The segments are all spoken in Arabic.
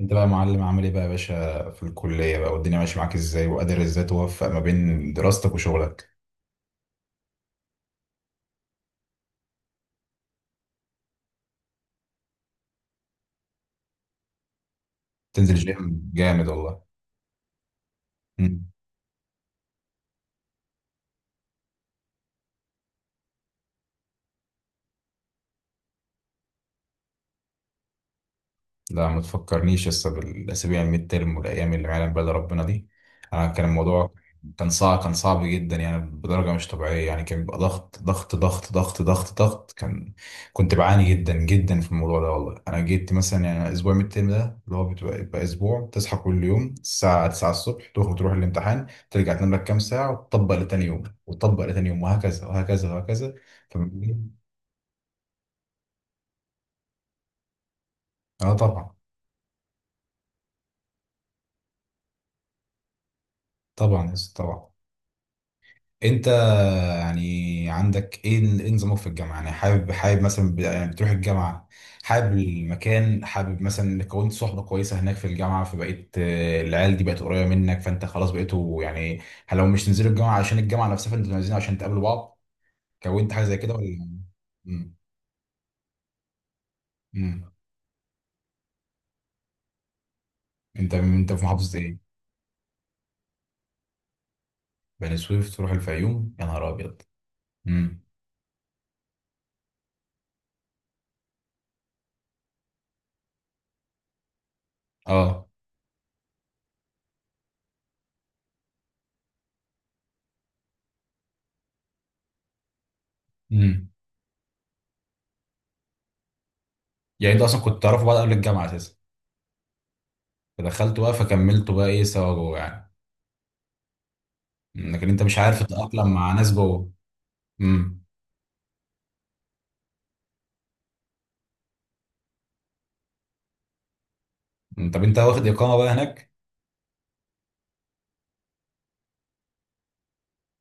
انت بقى يا معلم عامل ايه بقى يا باشا في الكلية بقى والدنيا ماشية معاك ازاي وقادر ازاي توفق ما بين دراستك وشغلك؟ تنزل جيم جامد والله. لا ما تفكرنيش لسه بالاسابيع الميد ترم والايام اللي ما يعلم بها إلا ربنا دي. انا كان الموضوع كان صعب، كان صعب جدا يعني بدرجه مش طبيعيه، يعني كان بيبقى ضغط ضغط ضغط ضغط ضغط ضغط، كان كنت بعاني جدا جدا في الموضوع ده والله. انا جيت مثلا يعني اسبوع الميد ترم ده اللي هو بيبقى اسبوع تصحى كل يوم الساعه 9 الصبح، تخرج تروح الامتحان، ترجع تنام لك كام ساعه وتطبق لتاني يوم، وتطبق لتاني يوم، وهكذا وهكذا وهكذا. فبالليل- اه طبعا. طبعا يا أستاذ، طبعا. انت يعني عندك ايه ايه نظامك في الجامعه؟ يعني حابب مثلا يعني بتروح الجامعه، حابب المكان، حابب مثلا انك كونت صحبه كويسه هناك في الجامعه، فبقيت العيال دي بقت قريبه منك فانت خلاص بقيتوا يعني لو مش تنزلوا الجامعه عشان الجامعه نفسها، فانتوا نازلين عشان تقابلوا بعض. كونت حاجه زي كده ولا؟ امم. امم. انت انت في محافظه ايه؟ بني سويف تروح الفيوم، يا نهار ابيض. امم. اه. امم. يعني انت اصلا كنت تعرفوا بعض قبل الجامعه اساسا، فدخلتوا بقى فكملتوا بقى ايه سوا جوه يعني. لكن انت مش عارف تتأقلم مع ناس جوه. امم. طب انت واخد إقامة بقى هناك؟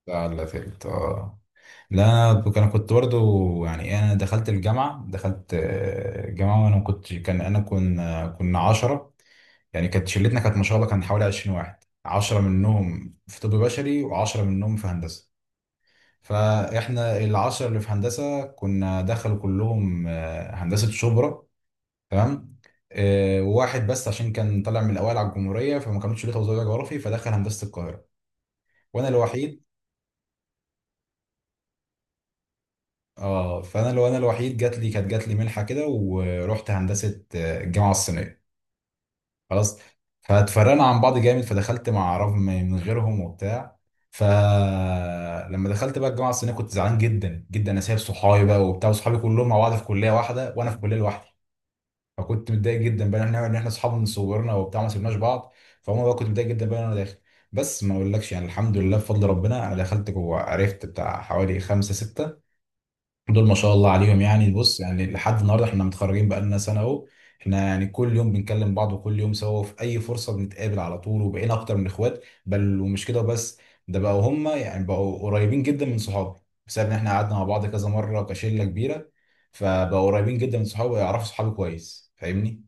لا. لا فهمت اه. لا انا انا كنت برضو يعني انا دخلت الجامعة، دخلت الجامعة وانا ما كنت كان انا كنا 10، يعني كانت شلتنا كانت ما شاء الله كان حوالي 20 واحد، 10 منهم في طب بشري و10 منهم في هندسة. فاحنا العشرة اللي في هندسة كنا دخلوا كلهم هندسة شبرا. تمام. وواحد بس عشان كان طالع من الاوائل على الجمهوريه فما كانوش ليه توزيع جغرافي فدخل هندسه القاهره، وانا الوحيد. اه فانا لو انا الوحيد جات لي، كانت جات لي منحه كده ورحت هندسه الجامعه الصينيه. خلاص. فاتفرقنا عن بعض جامد فدخلت مع رغم من غيرهم وبتاع. فلما دخلت بقى الجامعه الصينيه كنت زعلان جدا جدا، انا سايب صحابي بقى وبتاع، وصحابي كلهم مع بعض في كليه واحده وانا في كليه لوحدي. فكنت متضايق جدا بقى ان احنا اصحاب من صغرنا وبتاع ما سيبناش بعض. فهم بقى كنت متضايق جدا بقى إن انا داخل. بس ما اقولكش يعني الحمد لله بفضل ربنا انا دخلت جوه عرفت بتاع حوالي خمسه سته. دول ما شاء الله عليهم، يعني بص يعني لحد النهارده احنا متخرجين بقى لنا سنه اهو. احنا يعني كل يوم بنكلم بعض وكل يوم سوا، وفي اي فرصه بنتقابل على طول، وبقينا اكتر من اخوات، بل ومش كده بس، ده بقوا هم يعني بقوا قريبين جدا من صحابي، بسبب ان احنا قعدنا مع بعض كذا مره كشله كبيره. فبقوا قريبين جدا من صحابي ويعرفوا صحابي كويس، فاهمني.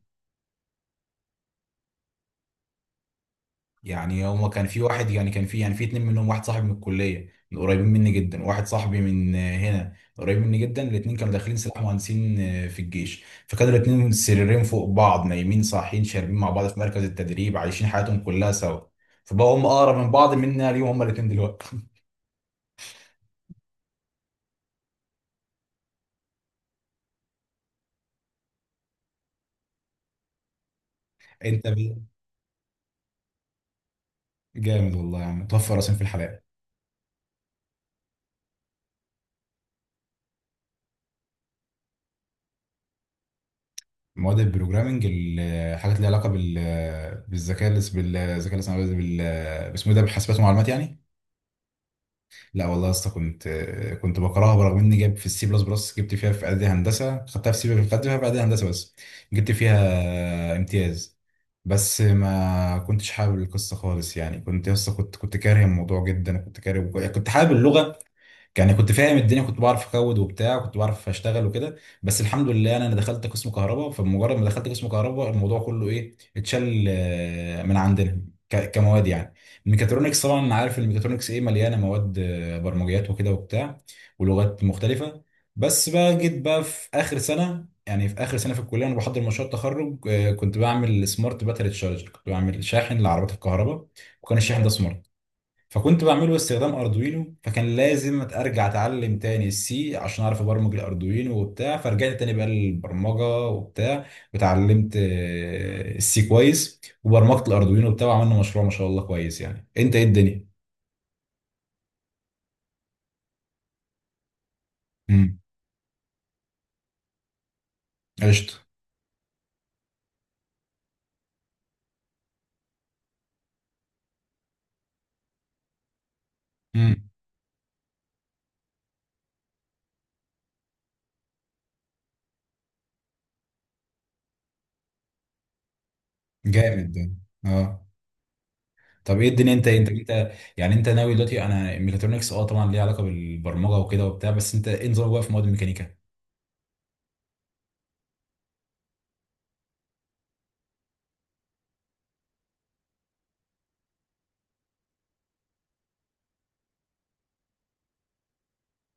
يعني هما كان في واحد، يعني كان في في اتنين منهم، واحد صاحبي من الكلية، من قريبين مني جدا، وواحد صاحبي من هنا قريب مني جدا، الاتنين كانوا داخلين سلاح مهندسين في الجيش، فكانوا الاتنين السريرين فوق بعض، نايمين صاحيين شاربين مع بعض في مركز التدريب، عايشين حياتهم كلها سوا. فبقوا هم اقرب من بعض مننا ليهم هما الاتنين دلوقتي. انت بيه جامد والله يا عم، توفى راسين في الحلقة. مواد البروجرامنج، الحاجات اللي ليها علاقة بال، بالذكاء بالذكاء الاصطناعي، بال، باسمه ده، بالحاسبات والمعلومات يعني. لا والله يا اسطى كنت، كنت بكرهها برغم اني جايب في السي بلس بلس، جبت فيها في اعدادي هندسه، خدتها في سي، خدت فيها في اعدادي هندسه بس، جبت فيها امتياز. بس ما كنتش حابب القصه خالص يعني، كنت يا اسطى كنت كاره الموضوع جدا، كنت كاره، كنت حابب اللغه. يعني كنت فاهم الدنيا، كنت بعرف اكود وبتاع، كنت بعرف اشتغل وكده. بس الحمد لله انا دخلت قسم كهرباء، فمجرد ما دخلت قسم كهرباء الموضوع كله ايه اتشال من عندنا كمواد يعني. الميكاترونكس طبعا أنا عارف الميكاترونكس ايه، مليانه مواد برمجيات وكده وبتاع، ولغات مختلفه. بس بقى جيت بقى في اخر سنه، يعني في اخر سنه في الكليه وانا بحضر مشروع التخرج، كنت بعمل سمارت باتري تشارج، كنت بعمل شاحن لعربيات الكهرباء، وكان الشاحن ده سمارت. فكنت بعمله استخدام اردوينو، فكان لازم ارجع اتعلم تاني السي عشان اعرف ابرمج الاردوينو وبتاع، فرجعت تاني بقى للبرمجه وبتاع، وتعلمت السي كويس وبرمجت الاردوينو وبتاع، وعملنا مشروع ما شاء الله كويس يعني. انت ايه الدنيا؟ امم. قشطه. امم. جامد ده. اه. طب ايه الدنيا انت انت انت، يعني انت ناوي دلوقتي، انا ميكاترونكس اه طبعا ليها علاقه بالبرمجه وكده وبتاع، بس انت ايه نظامك بقى في مواد الميكانيكا؟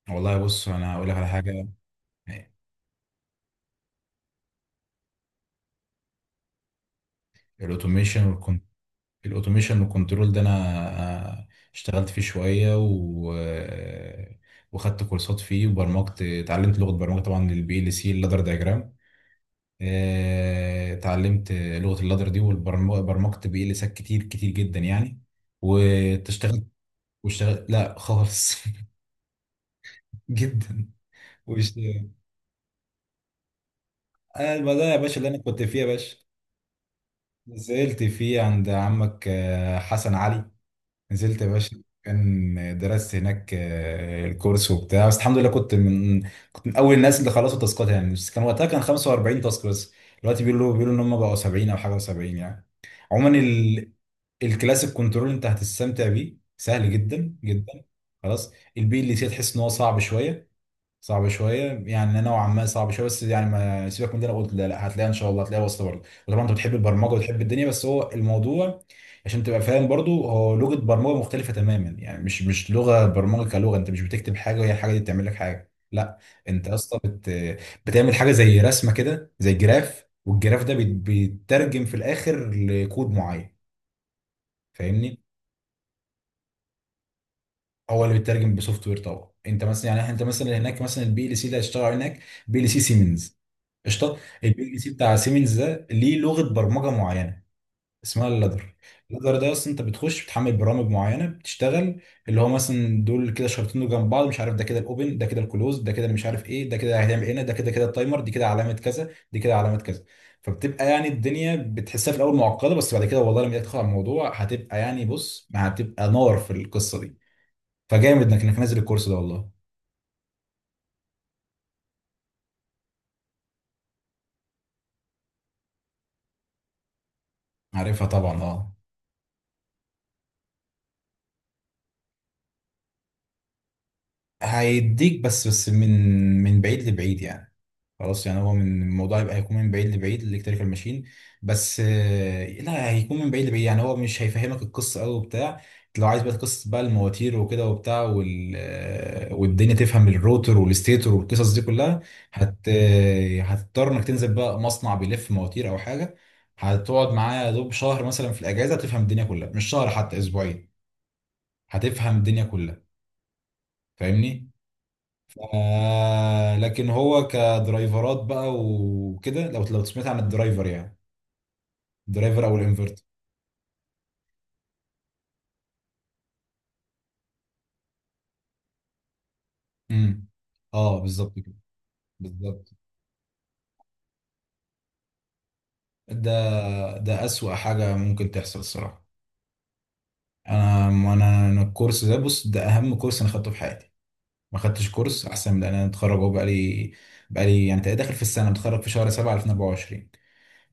والله بص انا هقول لك على حاجه. آه، الاوتوميشن. الاوتوميشن والكنترول ده انا اشتغلت فيه شويه و، وخدت كورسات فيه وبرمجت، اتعلمت لغه برمجه طبعا للبي ال سي، اللادر دايجرام. اتعلمت لغه اللادر دي وبرمجت بي ال سات كتير كتير جدا يعني. واشتغلت. واشتغلت لا خالص. جدا. واشتغلت انا المزرعه يا باشا اللي انا كنت فيها يا باشا، نزلت فيه عند عمك حسن علي. نزلت يا باشا، كان درست هناك الكورس وبتاع. بس الحمد لله كنت من، كنت من اول الناس اللي خلصوا تاسكات يعني، بس كان وقتها كان 45 تاسك بس. دلوقتي بيقولوا ان هم بقوا 70 او حاجه و70 يعني. عموما ال... الكلاسيك كنترول انت هتستمتع بيه، سهل جدا جدا. خلاص. البي ال سي تحس ان هو صعب شويه، صعب شويه، يعني نوعا ما صعب شويه، بس يعني ما سيبك من ده انا قلت لا لا هتلاقيها ان شاء الله، هتلاقيها واصله برضه. وطبعا انت بتحب البرمجه وتحب الدنيا، بس هو الموضوع عشان تبقى فاهم برضه، هو لغه برمجه مختلفه تماما، يعني مش لغه برمجه كلغه، انت مش بتكتب حاجه وهي الحاجه دي بتعمل لك حاجه، لا. انت اصلا بت...، بتعمل حاجه زي رسمه كده، زي جراف، والجراف ده بيترجم في الاخر لكود معين، فاهمني. هو اللي بيترجم بسوفت وير طبعا. انت مثلا يعني انت مثلا هناك مثلا البي ال سي اللي هتشتغل هناك، بي ال سي سيمنز. قشطه. البي ال سي بتاع سيمنز ده ليه لغه برمجه معينه، اسمها اللادر. اللادر ده اصلا انت بتخش بتحمل برامج معينه بتشتغل، اللي هو مثلا دول كده شرطين دول جنب بعض، مش عارف ده كده الاوبن، ده كده الكلوز، ده كده اللي مش عارف ايه، ده كده هيعمل إيه هنا، ده كده كده التايمر، دي كده علامه كذا، دي كده علامه كذا. فبتبقى يعني الدنيا بتحسها في الاول معقده، بس بعد كده والله لما تدخل على الموضوع هتبقى يعني، بص ما هتبقى نار في القصه دي. فجامد انك، انك نازل الكورس ده والله. عارفها طبعا اه. هيديك بس، بس من بعيد لبعيد يعني. خلاص يعني هو من الموضوع يبقى هيكون من بعيد لبعيد، الالكتريكال ماشين. بس لا هيكون من بعيد لبعيد، يعني هو مش هيفهمك القصه قوي وبتاع. لو عايز بقى قصه بقى المواتير وكده وبتاع وال والدنيا تفهم الروتر والستيتور والقصص دي كلها، هت آه، هتضطر انك تنزل بقى مصنع بيلف مواتير او حاجه، هتقعد معاه يا دوب شهر مثلا في الاجازه تفهم الدنيا كلها، مش شهر حتى اسبوعين، هتفهم الدنيا كلها، فاهمني. آه لكن هو كدرايفرات بقى وكده، لو سمعت عن الدرايفر يعني، الدرايفر او الانفرتر. امم. اه بالظبط كده. بالظبط. ده، ده اسوأ حاجة ممكن تحصل الصراحة. انا الكورس ده، بص ده اهم كورس انا خدته في حياتي، ما خدتش كورس احسن من ده. انا متخرج اهو بقالي، بقالي يعني تقريبا داخل في السنة، متخرج في شهر 7 2024.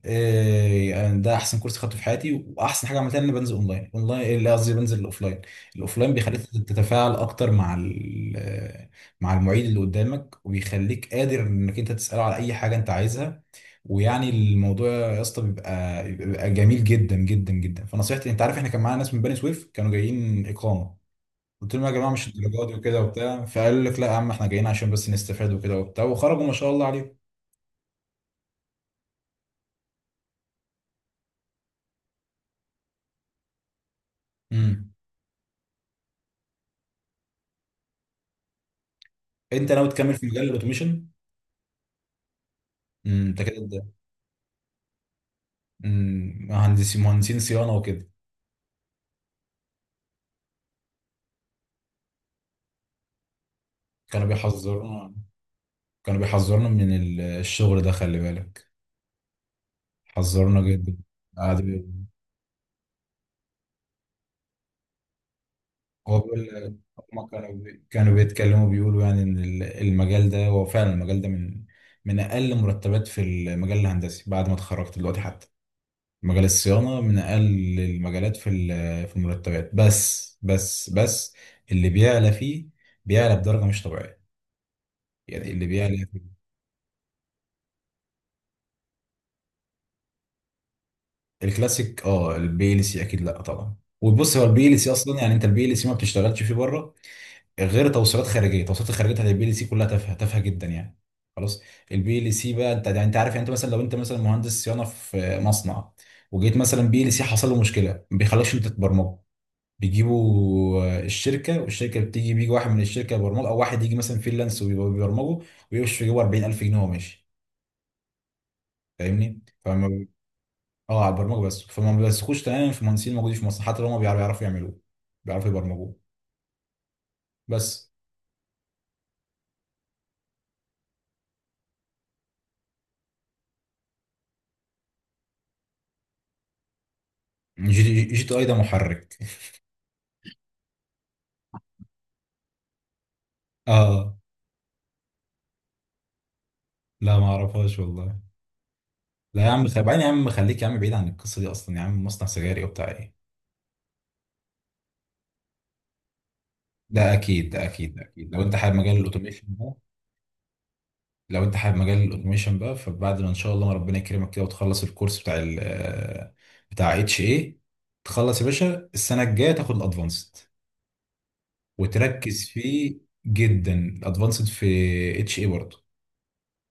إيه يعني ده احسن كورس خدته في حياتي، واحسن حاجه عملتها ان انا بنزل اونلاين، اونلاين إيه اللي قصدي، بنزل الاوفلاين. الاوفلاين بيخليك تتفاعل اكتر مع مع المعيد اللي قدامك، وبيخليك قادر انك انت تساله على اي حاجه انت عايزها، ويعني الموضوع يا اسطى بيبقى، بيبقى جميل جدا جدا جدا. فنصيحتي، انت عارف احنا كان معانا ناس من بني سويف كانوا جايين اقامه، قلت لهم يا جماعه مش الدرجات دي وكده وبتاع، فقالوا لك لا يا عم احنا جايين عشان بس نستفاد وكده وبتاع، وخرجوا ما شاء الله عليهم. امم. انت ناوي تكمل في مجال الاوتوميشن؟ انت كده. أمم، مهندسين، مهندسين صيانة وكده. كانوا بيحذرونا. كانوا بيحذرونا من الشغل ده، خلي بالك، حذرونا جدا. قعدوا بي- هو بيقول، هما كانوا بيتكلموا بيقولوا يعني ان المجال ده هو فعلا، المجال ده من، من اقل مرتبات في المجال الهندسي بعد ما اتخرجت دلوقتي حتى. مجال الصيانة من اقل المجالات في في المرتبات، بس بس بس اللي بيعلى فيه، بيعلى بدرجة مش طبيعية يعني، اللي بيعلى. الكلاسيك اه البي ال سي اكيد، لا طبعا، وبص هو البي ال سي اصلا يعني، انت البي ال سي ما بتشتغلش فيه بره غير توصيلات خارجيه، التوصيلات الخارجيه بتاعت البي ال سي كلها تافهه، تافهه جدا يعني، خلاص. البي ال سي بقى انت يعني، انت عارف يعني، انت مثلا لو انت مثلا مهندس صيانه في مصنع وجيت مثلا بي ال سي حصل له مشكله، ما بيخلوكش انت تبرمجه، بيجيبوا الشركه، والشركه بتيجي، بيجي واحد من الشركه يبرمجه، او واحد يجي مثلا فريلانس وبيبرمجه ويمشي يجيبه 40,000 جنيه وهو ماشي، فاهمني. اه على البرمجه بس، فما بيثقوش تماما في المهندسين الموجودين في مصر، حتى لو هم بيعرفوا، يعرفوا يعملوه، بيعرفوا يبرمجوه بس. جي تي اي ده محرك. اه لا ما اعرفهاش والله. لا يا عم، بعدين يا عم خليك يا عم بعيد عن القصه دي اصلا يا عم، مصنع سجاري وبتاع ايه. ده اكيد ده اكيد لو انت حابب مجال الاوتوميشن بقى. لو انت حابب مجال الاوتوميشن بقى، فبعد ما ان شاء الله ما ربنا يكرمك كده وتخلص الكورس بتاع ال، بتاع اتش اي، تخلص يا باشا السنه الجايه تاخد الادفانسد، وتركز فيه جدا، الادفانسد في اتش اي برضه.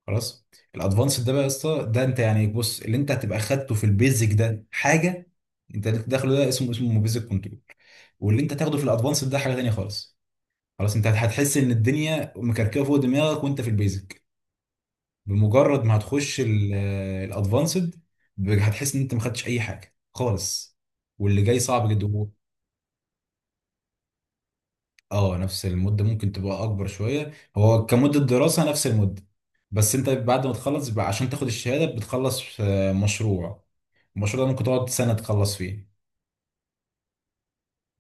خلاص. الادفانسد ده بقى يا اسطى ده انت يعني بص، اللي انت هتبقى خدته في البيزك ده حاجه، انت اللي أنت داخله ده اسمه، اسمه بيزك كنترول، واللي انت تاخده في الادفانسد ده حاجه تانيه خالص. خلاص. انت هتحس ان الدنيا مكركبه فوق دماغك وانت في البيزك، بمجرد ما هتخش الادفانسد هتحس ان انت ما خدتش اي حاجه خالص، واللي جاي صعب جدا. اه نفس المدة، ممكن تبقى أكبر شوية، هو كمدة دراسة نفس المدة، بس أنت بعد ما تخلص بقى عشان تاخد الشهادة، بتخلص مشروع، المشروع ده ممكن تقعد سنة تخلص فيه.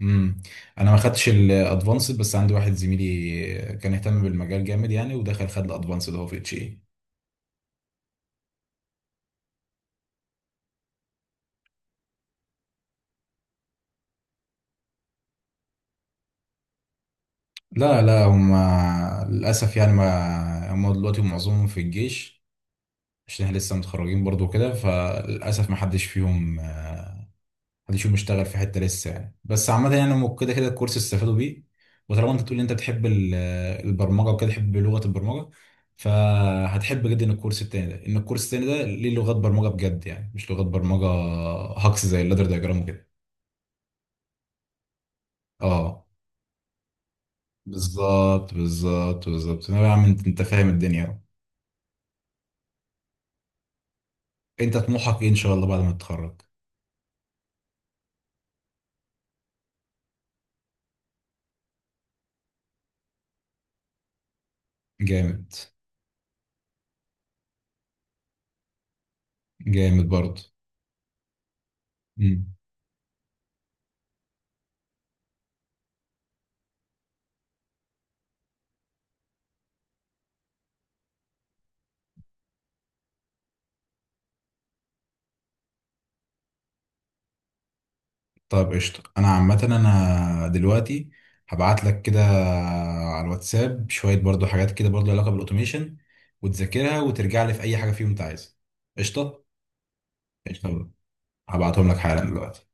امم. أنا ما خدتش الأدفانسد، بس عندي واحد زميلي كان اهتم بالمجال جامد يعني، ودخل خد الأدفانسد هو في اتش اي. لا لا هم، للأسف يعني، ما هم دلوقتي معظمهم في الجيش، عشان احنا لسه متخرجين برضو كده، فللأسف ما حدش فيهم، محدش فيهم اشتغل في حته لسه يعني، بس عامه يعني هم كده كده الكورس استفادوا بيه. وطالما انت بتقول ان انت بتحب البرمجه وكده، تحب لغه البرمجه، فهتحب جدا الكورس التاني ده، ان الكورس التاني ده ليه لغات برمجه بجد يعني، مش لغات برمجه هكس زي اللادر دايجرام وكده. اه بالظبط بالظبط بالظبط. انا يا عم انت انت فاهم الدنيا اهو. انت طموحك ايه ان شاء الله بعد ما تتخرج؟ جامد. جامد برضه. طيب قشطة. أنا عامة أنا دلوقتي هبعت لك كده على الواتساب شوية برضو حاجات كده برضو علاقة بالأوتوميشن، وتذاكرها وترجع لي في أي حاجة فيهم أنت عايزها. قشطة. قشطة. هبعتهم لك حالا دلوقتي.